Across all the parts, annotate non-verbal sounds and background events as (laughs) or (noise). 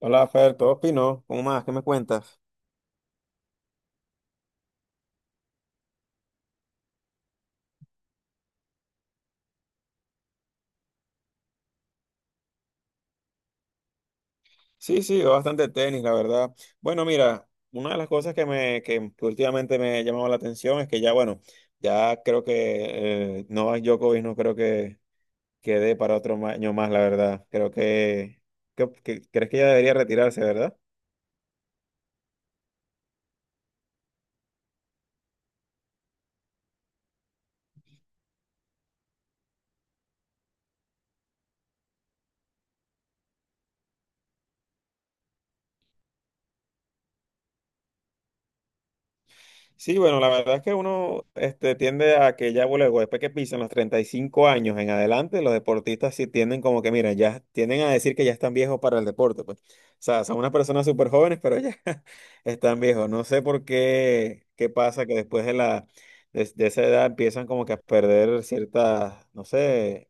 Hola, Fer, ¿todo fino? ¿Cómo más? ¿Qué me cuentas? Sí, sí, veo bastante tenis, la verdad. Bueno, mira, una de las cosas que últimamente me ha llamado la atención es que ya, bueno, ya creo que Novak Djokovic no creo que quede para otro año más, la verdad. Creo crees que ya debería retirarse, ¿verdad? Sí, bueno, la verdad es que uno tiende a que ya luego, después que pisan los 35 años en adelante, los deportistas sí tienden como que, mira, ya tienden a decir que ya están viejos para el deporte, pues. O sea, son unas personas súper jóvenes, pero ya (laughs) están viejos. No sé por qué, qué pasa que después de esa edad empiezan como que a perder ciertas, no sé,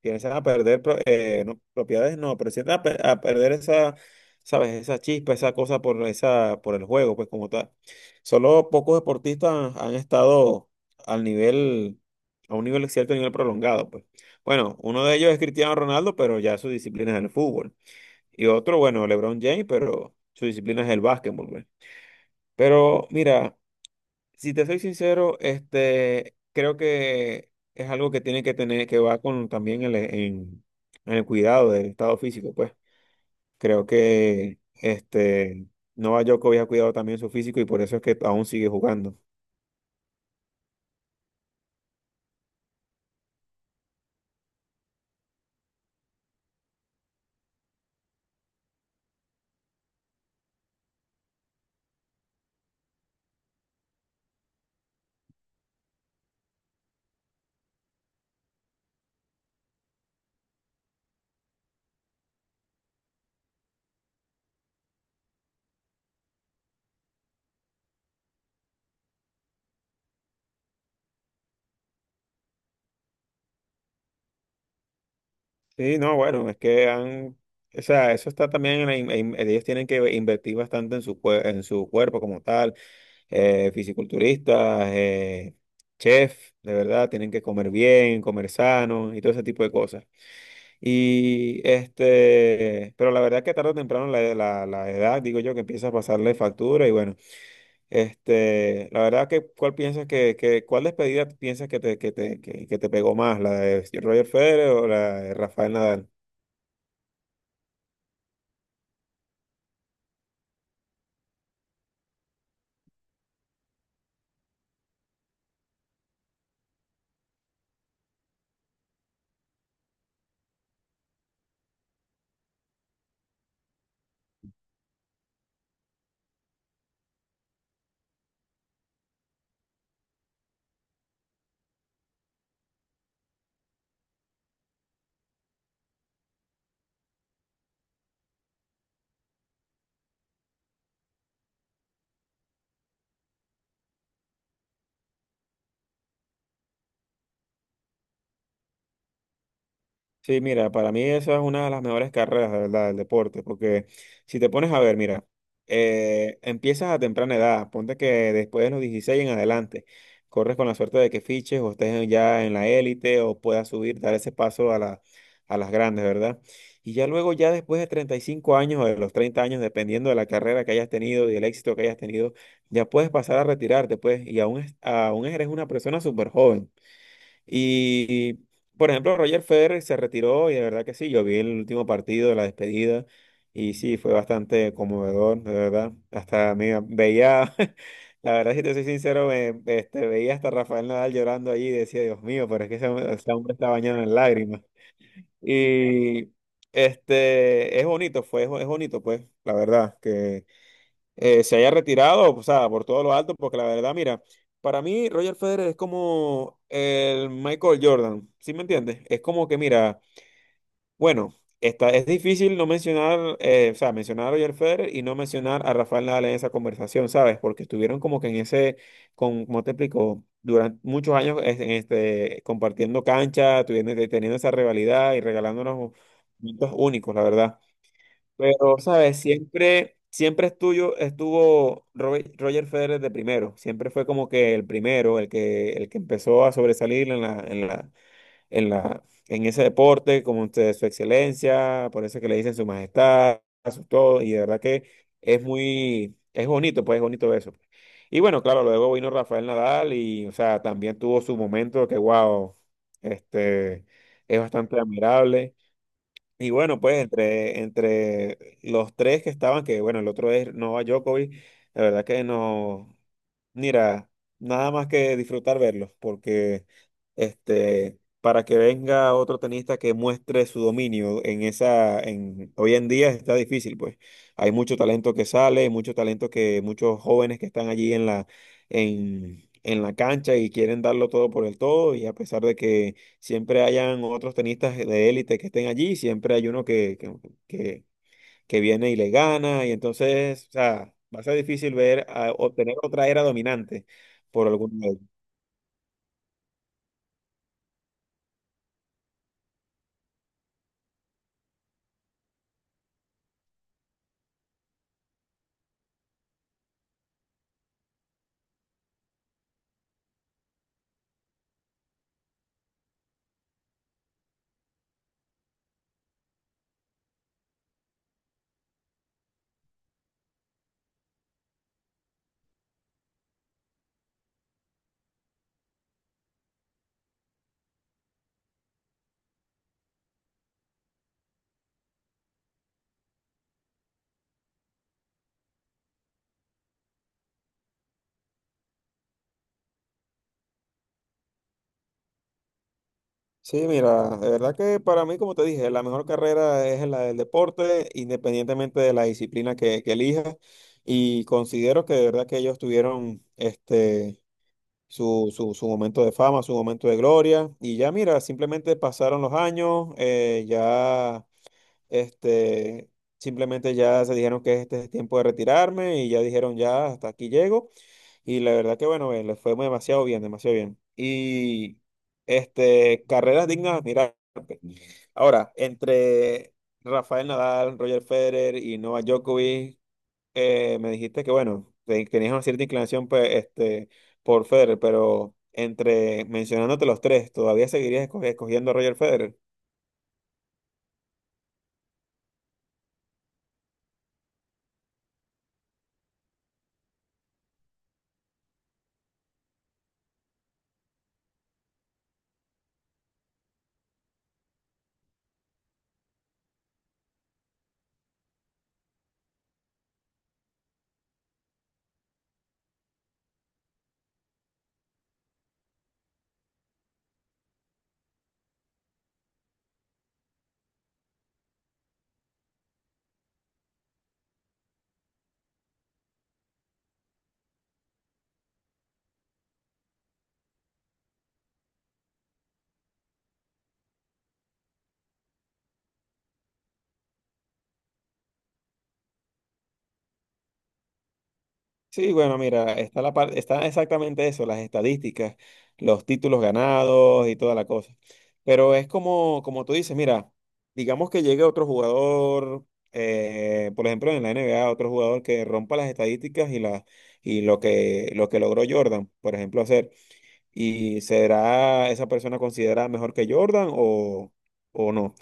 tienes a perder no, propiedades, no, pero sí a perder esa, ¿sabes? Esa chispa, esa cosa por, esa, por el juego, pues como tal. Solo pocos deportistas han estado al nivel, a un nivel cierto nivel prolongado, pues. Bueno, uno de ellos es Cristiano Ronaldo, pero ya su disciplina es el fútbol. Y otro, bueno, LeBron James, pero su disciplina es el básquetbol, pues. Pero mira, si te soy sincero, creo que es algo que tiene que tener, que va con también en el cuidado del estado físico, pues. Creo que Novak Djokovic ha cuidado también su físico y por eso es que aún sigue jugando. Sí, no, bueno, es que han, o sea, eso está también en la in- en- ellos tienen que invertir bastante en su cuerpo como tal, fisiculturistas, chef, de verdad, tienen que comer bien, comer sano y todo ese tipo de cosas. Y pero la verdad que tarde o temprano la edad, digo yo, que empieza a pasarle factura y bueno. La verdad que, ¿cuál piensas que cuál despedida piensas que te pegó más? ¿La de Roger Federer o la de Rafael Nadal? Sí, mira, para mí esa es una de las mejores carreras, de verdad, del deporte, porque si te pones a ver, mira, empiezas a temprana edad, ponte que después de los 16 en adelante, corres con la suerte de que fiches o estés ya en la élite o puedas subir, dar ese paso a las grandes, ¿verdad? Y ya luego, ya después de 35 años o de los 30 años, dependiendo de la carrera que hayas tenido y el éxito que hayas tenido, ya puedes pasar a retirarte, pues, y aún, aún eres una persona súper joven. Y, por ejemplo, Roger Federer se retiró y de verdad que sí, yo vi el último partido de la despedida y sí, fue bastante conmovedor, de verdad. Hasta mira, veía, (laughs) la verdad, si te soy sincero, veía hasta Rafael Nadal llorando allí y decía, Dios mío, pero es que ese hombre está bañado en lágrimas. Y es bonito, fue, es bonito, pues, la verdad, que se haya retirado, o sea, por todo lo alto, porque la verdad, mira, para mí Roger Federer es como el Michael Jordan, ¿sí me entiendes? Es como que, mira, bueno, es difícil no mencionar, o sea, mencionar a Roger Federer y no mencionar a Rafael Nadal en esa conversación, ¿sabes? Porque estuvieron como que en ese, con, ¿cómo te explico? Durante muchos años compartiendo cancha, teniendo esa rivalidad y regalándonos momentos únicos, la verdad. Pero, ¿sabes? Siempre, siempre estuvo Roger Federer de primero. Siempre fue como que el primero, el que empezó a sobresalir en ese deporte, como usted, su excelencia, por eso que le dicen su majestad, su todo, y de verdad que es muy, es bonito, pues es bonito eso. Y bueno, claro, luego vino Rafael Nadal y, o sea, también tuvo su momento que, wow, este, es bastante admirable. Y bueno, pues entre los tres que estaban, que bueno, el otro es Novak Djokovic, la verdad que nos, mira, nada más que disfrutar verlos, porque para que venga otro tenista que muestre su dominio hoy en día está difícil, pues. Hay mucho talento que sale, mucho talento que muchos jóvenes que están allí en la cancha y quieren darlo todo por el todo, y a pesar de que siempre hayan otros tenistas de élite que estén allí, siempre hay uno que que viene y le gana, y entonces, o sea, va a ser difícil obtener otra era dominante por algún medio. Sí, mira, de verdad que para mí, como te dije, la mejor carrera es la del deporte, independientemente de la disciplina que elijas, y considero que de verdad que ellos tuvieron. Su momento de fama, su momento de gloria, y ya mira, simplemente pasaron los años, Este, simplemente ya se dijeron que este es el tiempo de retirarme y ya dijeron ya hasta aquí llego. Y la verdad que bueno, les fue demasiado bien, demasiado bien. Y carreras dignas, mira. Ahora, entre Rafael Nadal, Roger Federer y Novak Djokovic, me dijiste que bueno, tenías una cierta inclinación pues, por Federer, pero entre mencionándote los tres, ¿todavía seguirías escogiendo a Roger Federer? Sí, bueno, mira, está exactamente eso, las estadísticas, los títulos ganados y toda la cosa. Pero es como tú dices, mira, digamos que llegue otro jugador, por ejemplo, en la NBA, otro jugador que rompa las estadísticas y lo que logró Jordan, por ejemplo, hacer. ¿Y será esa persona considerada mejor que Jordan o no?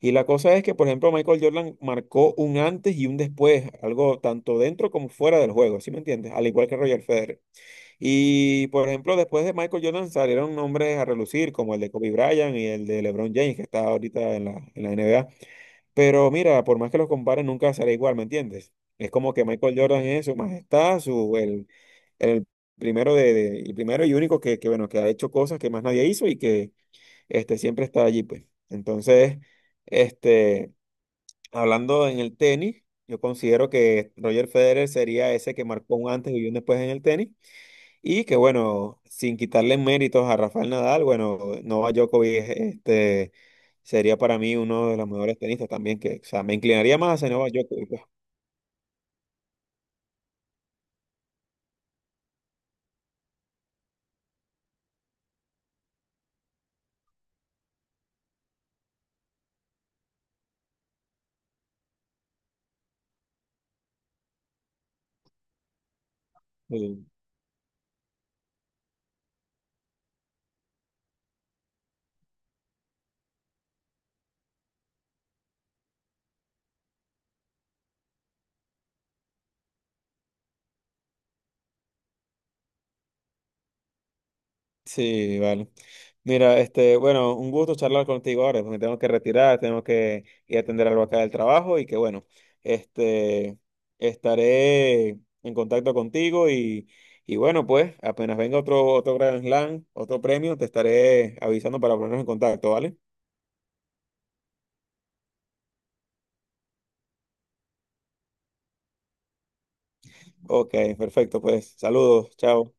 Y la cosa es que, por ejemplo, Michael Jordan marcó un antes y un después, algo tanto dentro como fuera del juego, ¿sí me entiendes? Al igual que Roger Federer. Y, por ejemplo, después de Michael Jordan salieron nombres a relucir, como el de Kobe Bryant y el de LeBron James, que está ahorita en la NBA. Pero mira, por más que los comparen, nunca será igual, ¿me entiendes? Es como que Michael Jordan es su majestad, el primero, el primero y único bueno, que ha hecho cosas que más nadie hizo y que siempre está allí, pues. Entonces... Este, hablando en el tenis, yo considero que Roger Federer sería ese que marcó un antes y un después en el tenis. Y que bueno, sin quitarle méritos a Rafael Nadal, bueno, Novak Djokovic sería para mí uno de los mejores tenistas también, que, o sea, me inclinaría más hacia Novak Djokovic, pues. Sí, vale. Mira, bueno, un gusto charlar contigo ahora, pues me tengo que retirar, tengo que ir a atender algo acá del trabajo y que bueno, este, estaré en contacto contigo y bueno, pues apenas venga otro Grand Slam, otro premio, te estaré avisando para ponernos en contacto, ¿vale? Ok, perfecto, pues saludos, chao.